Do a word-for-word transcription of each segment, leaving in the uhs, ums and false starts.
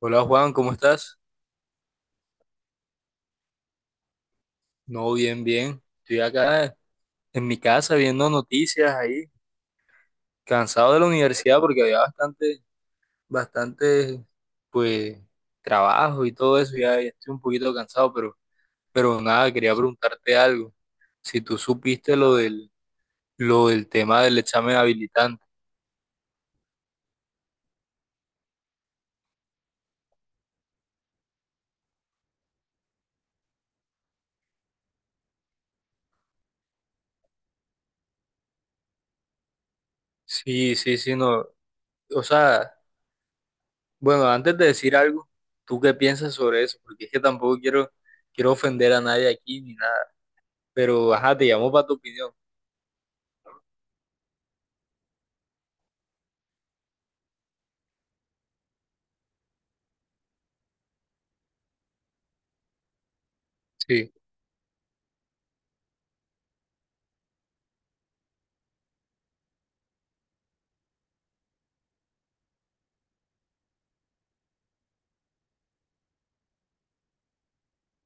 Hola Juan, ¿cómo estás? No, bien, bien. Estoy acá en mi casa viendo noticias ahí, cansado de la universidad porque había bastante, bastante, pues, trabajo y todo eso. Ya, ya estoy un poquito cansado, pero, pero nada, quería preguntarte algo. Si tú supiste lo del, lo del tema del examen habilitante. Sí, sí, sí, no. O sea, bueno, antes de decir algo, ¿tú qué piensas sobre eso? Porque es que tampoco quiero, quiero ofender a nadie aquí ni nada. Pero, ajá, te llamo para tu opinión. Sí.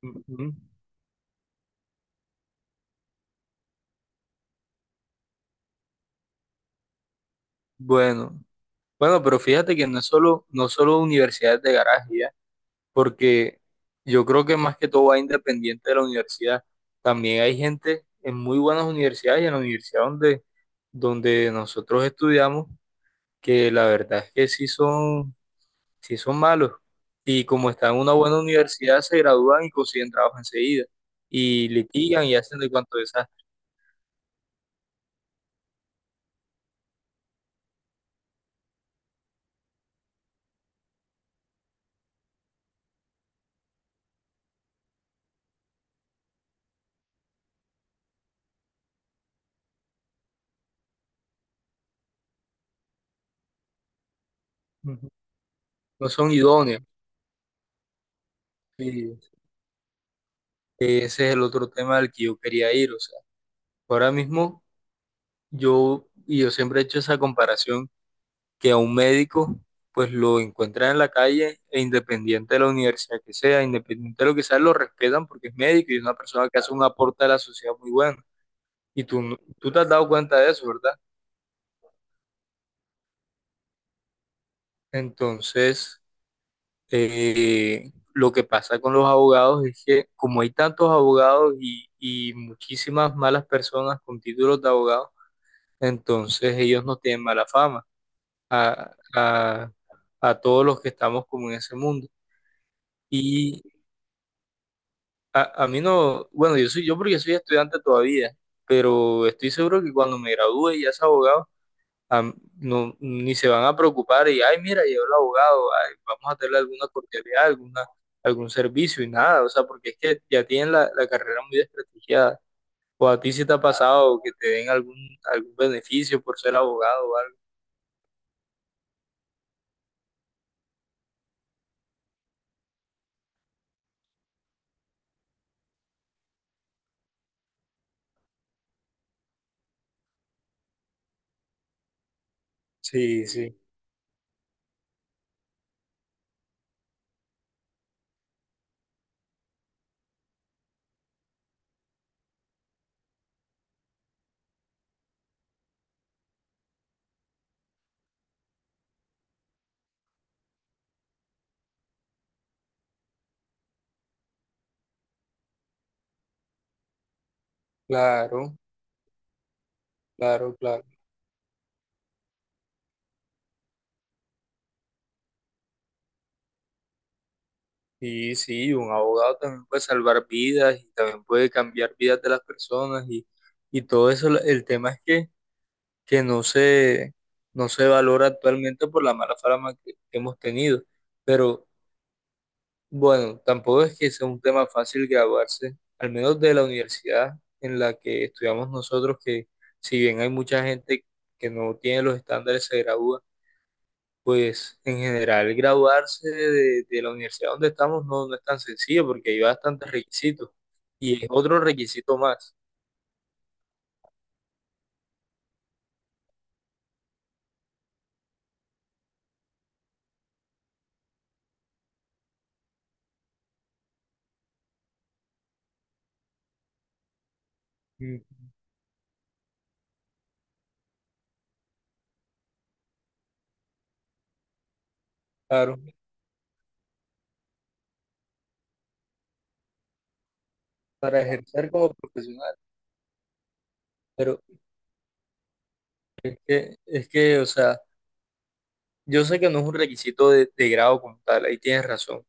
Ujú. Bueno, bueno, pero fíjate que no es solo, no solo universidades de garaje, ¿ya? Porque yo creo que más que todo va independiente de la universidad. También hay gente en muy buenas universidades y en la universidad donde, donde nosotros estudiamos, que la verdad es que sí son, sí son malos. Y como están en una buena universidad, se gradúan y consiguen trabajo enseguida. Y litigan y hacen de cuanto desastre. Ujú. No son idóneos. Sí. Ese es el otro tema al que yo quería ir. O sea, ahora mismo yo, y yo siempre he hecho esa comparación, que a un médico pues lo encuentran en la calle e independiente de la universidad que sea, independiente de lo que sea, lo respetan porque es médico y es una persona que hace un aporte a la sociedad muy bueno. Y tú, no- tú te has dado cuenta de eso, ¿verdad? Entonces, eh, lo que pasa con los abogados es que como hay tantos abogados y, y muchísimas malas personas con títulos de abogados, entonces ellos no tienen mala fama a, a- a todos los que estamos como en ese mundo. Y a, a mí no, bueno, yo soy yo porque soy estudiante todavía, pero estoy seguro que cuando me gradúe y ya sea abogado, a- no, ni se van a preocupar y, ay, mira, llegó el abogado, ay, vamos a tener alguna cortesía, alguna, algún servicio y nada, o sea, porque es que ya tienen la, la carrera muy desprestigiada. O a ti si te ha pasado que te den algún, algún beneficio por ser abogado o algo. Sí, sí. Claro, claro, claro. Y sí, un abogado también puede salvar vidas y también puede cambiar vidas de las personas y, y todo eso. El tema es que, que no se, no se valora actualmente por la mala fama que, que hemos tenido. Pero bueno, tampoco es que sea un tema fácil graduarse, al menos de la universidad en la que estudiamos nosotros, que si bien hay mucha gente que no tiene los estándares, se gradúa. Pues en general graduarse de, de la universidad donde estamos no, no es tan sencillo porque hay bastantes requisitos y es otro requisito más, mm, claro, para ejercer como profesional. Pero es que, es que, o sea, yo sé que no es un requisito de, de grado como tal, ahí tienes razón,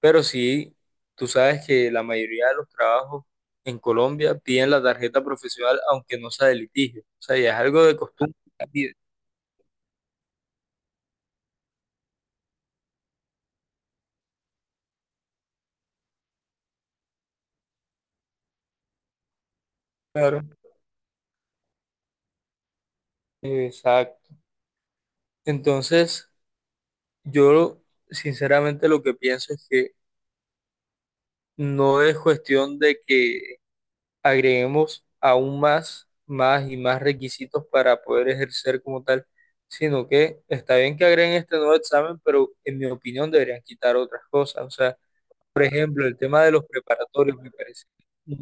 pero sí, tú sabes que la mayoría de los trabajos en Colombia piden la tarjeta profesional aunque no sea de litigio, o sea, ya es algo de costumbre que la piden. Claro. Exacto. Entonces, yo sinceramente lo que pienso es que no es cuestión de que agreguemos aún más, más y más requisitos para poder ejercer como tal, sino que está bien que agreguen este nuevo examen, pero en mi opinión deberían quitar otras cosas. O sea, por ejemplo, el tema de los preparatorios me parece que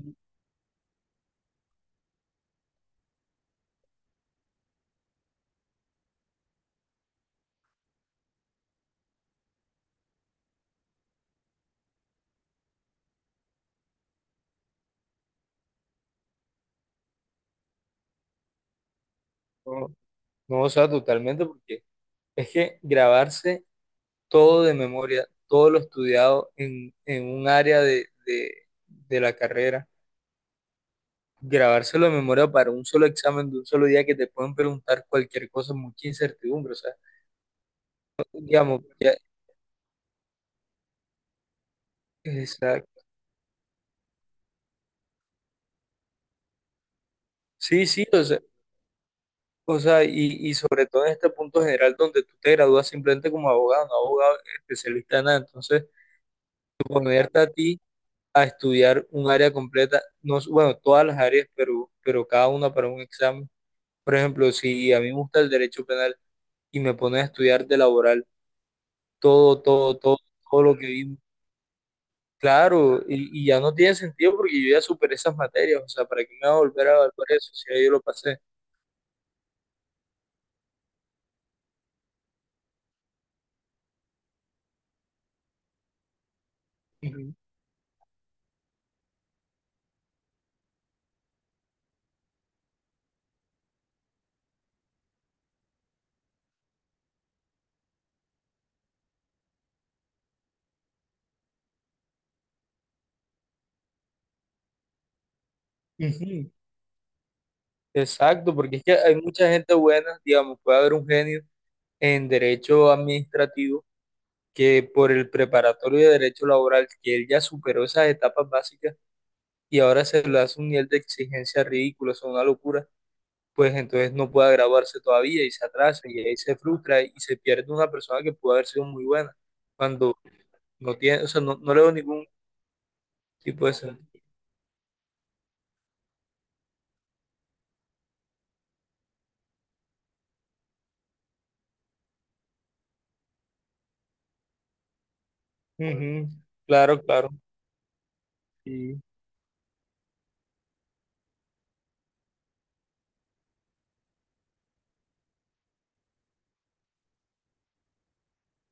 no, no, o sea, totalmente, porque es que grabarse todo de memoria, todo lo estudiado en, en un área de de- de la carrera. Grabárselo de memoria para un solo examen de un solo día que te pueden preguntar cualquier cosa, mucha incertidumbre, o sea, digamos, ya, exacto. Sí, sí, o sea, o sea, y, y sobre todo en este punto general donde tú te gradúas simplemente como abogado, no abogado especialista en nada, entonces ponerte a ti a estudiar un área completa, no, s- bueno, todas las áreas, pero, pero cada una para un examen. Por ejemplo, si a mí me gusta el derecho penal y me pones a estudiar de laboral, todo, todo, todo, todo lo que vi. Claro, y, y ya no tiene sentido porque yo ya superé esas materias, o sea, ¿para qué me voy a volver a evaluar eso si ya yo lo pasé? Ujú. Ujú. Exacto, porque es que hay mucha gente buena, digamos, puede haber un genio en derecho administrativo que por el preparatorio de derecho laboral, que él ya superó esas etapas básicas y ahora se le hace un nivel de exigencia ridículo, es una locura, pues entonces no puede graduarse todavía y se atrasa y ahí se frustra y se pierde una persona que puede haber sido muy buena cuando no tiene, o sea, no, no le veo ningún. Sí, puede ser. Ujú. Claro, claro. Sí.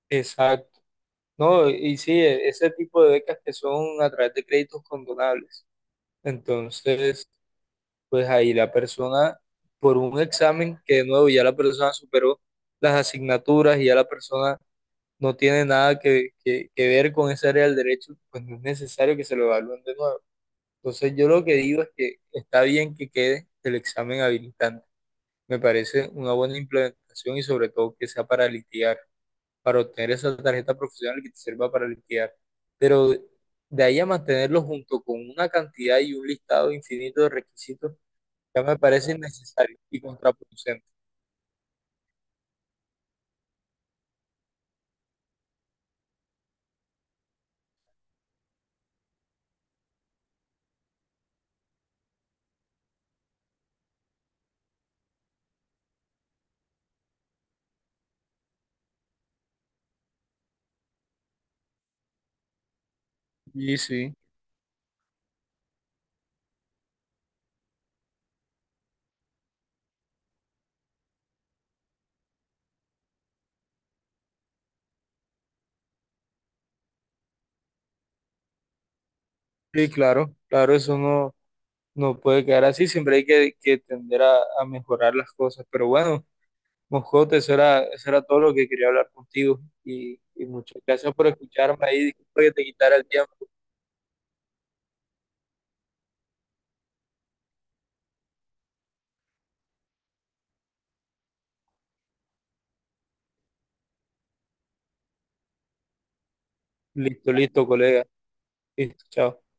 Exacto. No, y sí, e- ese tipo de becas que son a través de créditos condonables. Entonces, pues ahí la persona, por un examen que de nuevo ya la persona superó las asignaturas y ya la persona no tiene nada que, que- que ver con esa área del derecho, pues no es necesario que se lo evalúen de nuevo. Entonces, yo lo que digo es que está bien que quede el examen habilitante. Me parece una buena implementación y sobre todo que sea para litigar, para obtener esa tarjeta profesional que te sirva para liquidar. Pero de ahí a mantenerlo junto con una cantidad y un listado infinito de requisitos, ya me parece innecesario y contraproducente. Y sí, sí, claro, claro, eso no, no puede quedar así, siempre hay que, que tender a, a mejorar las cosas. Pero bueno, Moscote, eso era, eso era todo lo que quería hablar contigo y, y muchas gracias por escucharme ahí, disculpa que te quitara el tiempo. Listo, listo, colega. Listo, chao.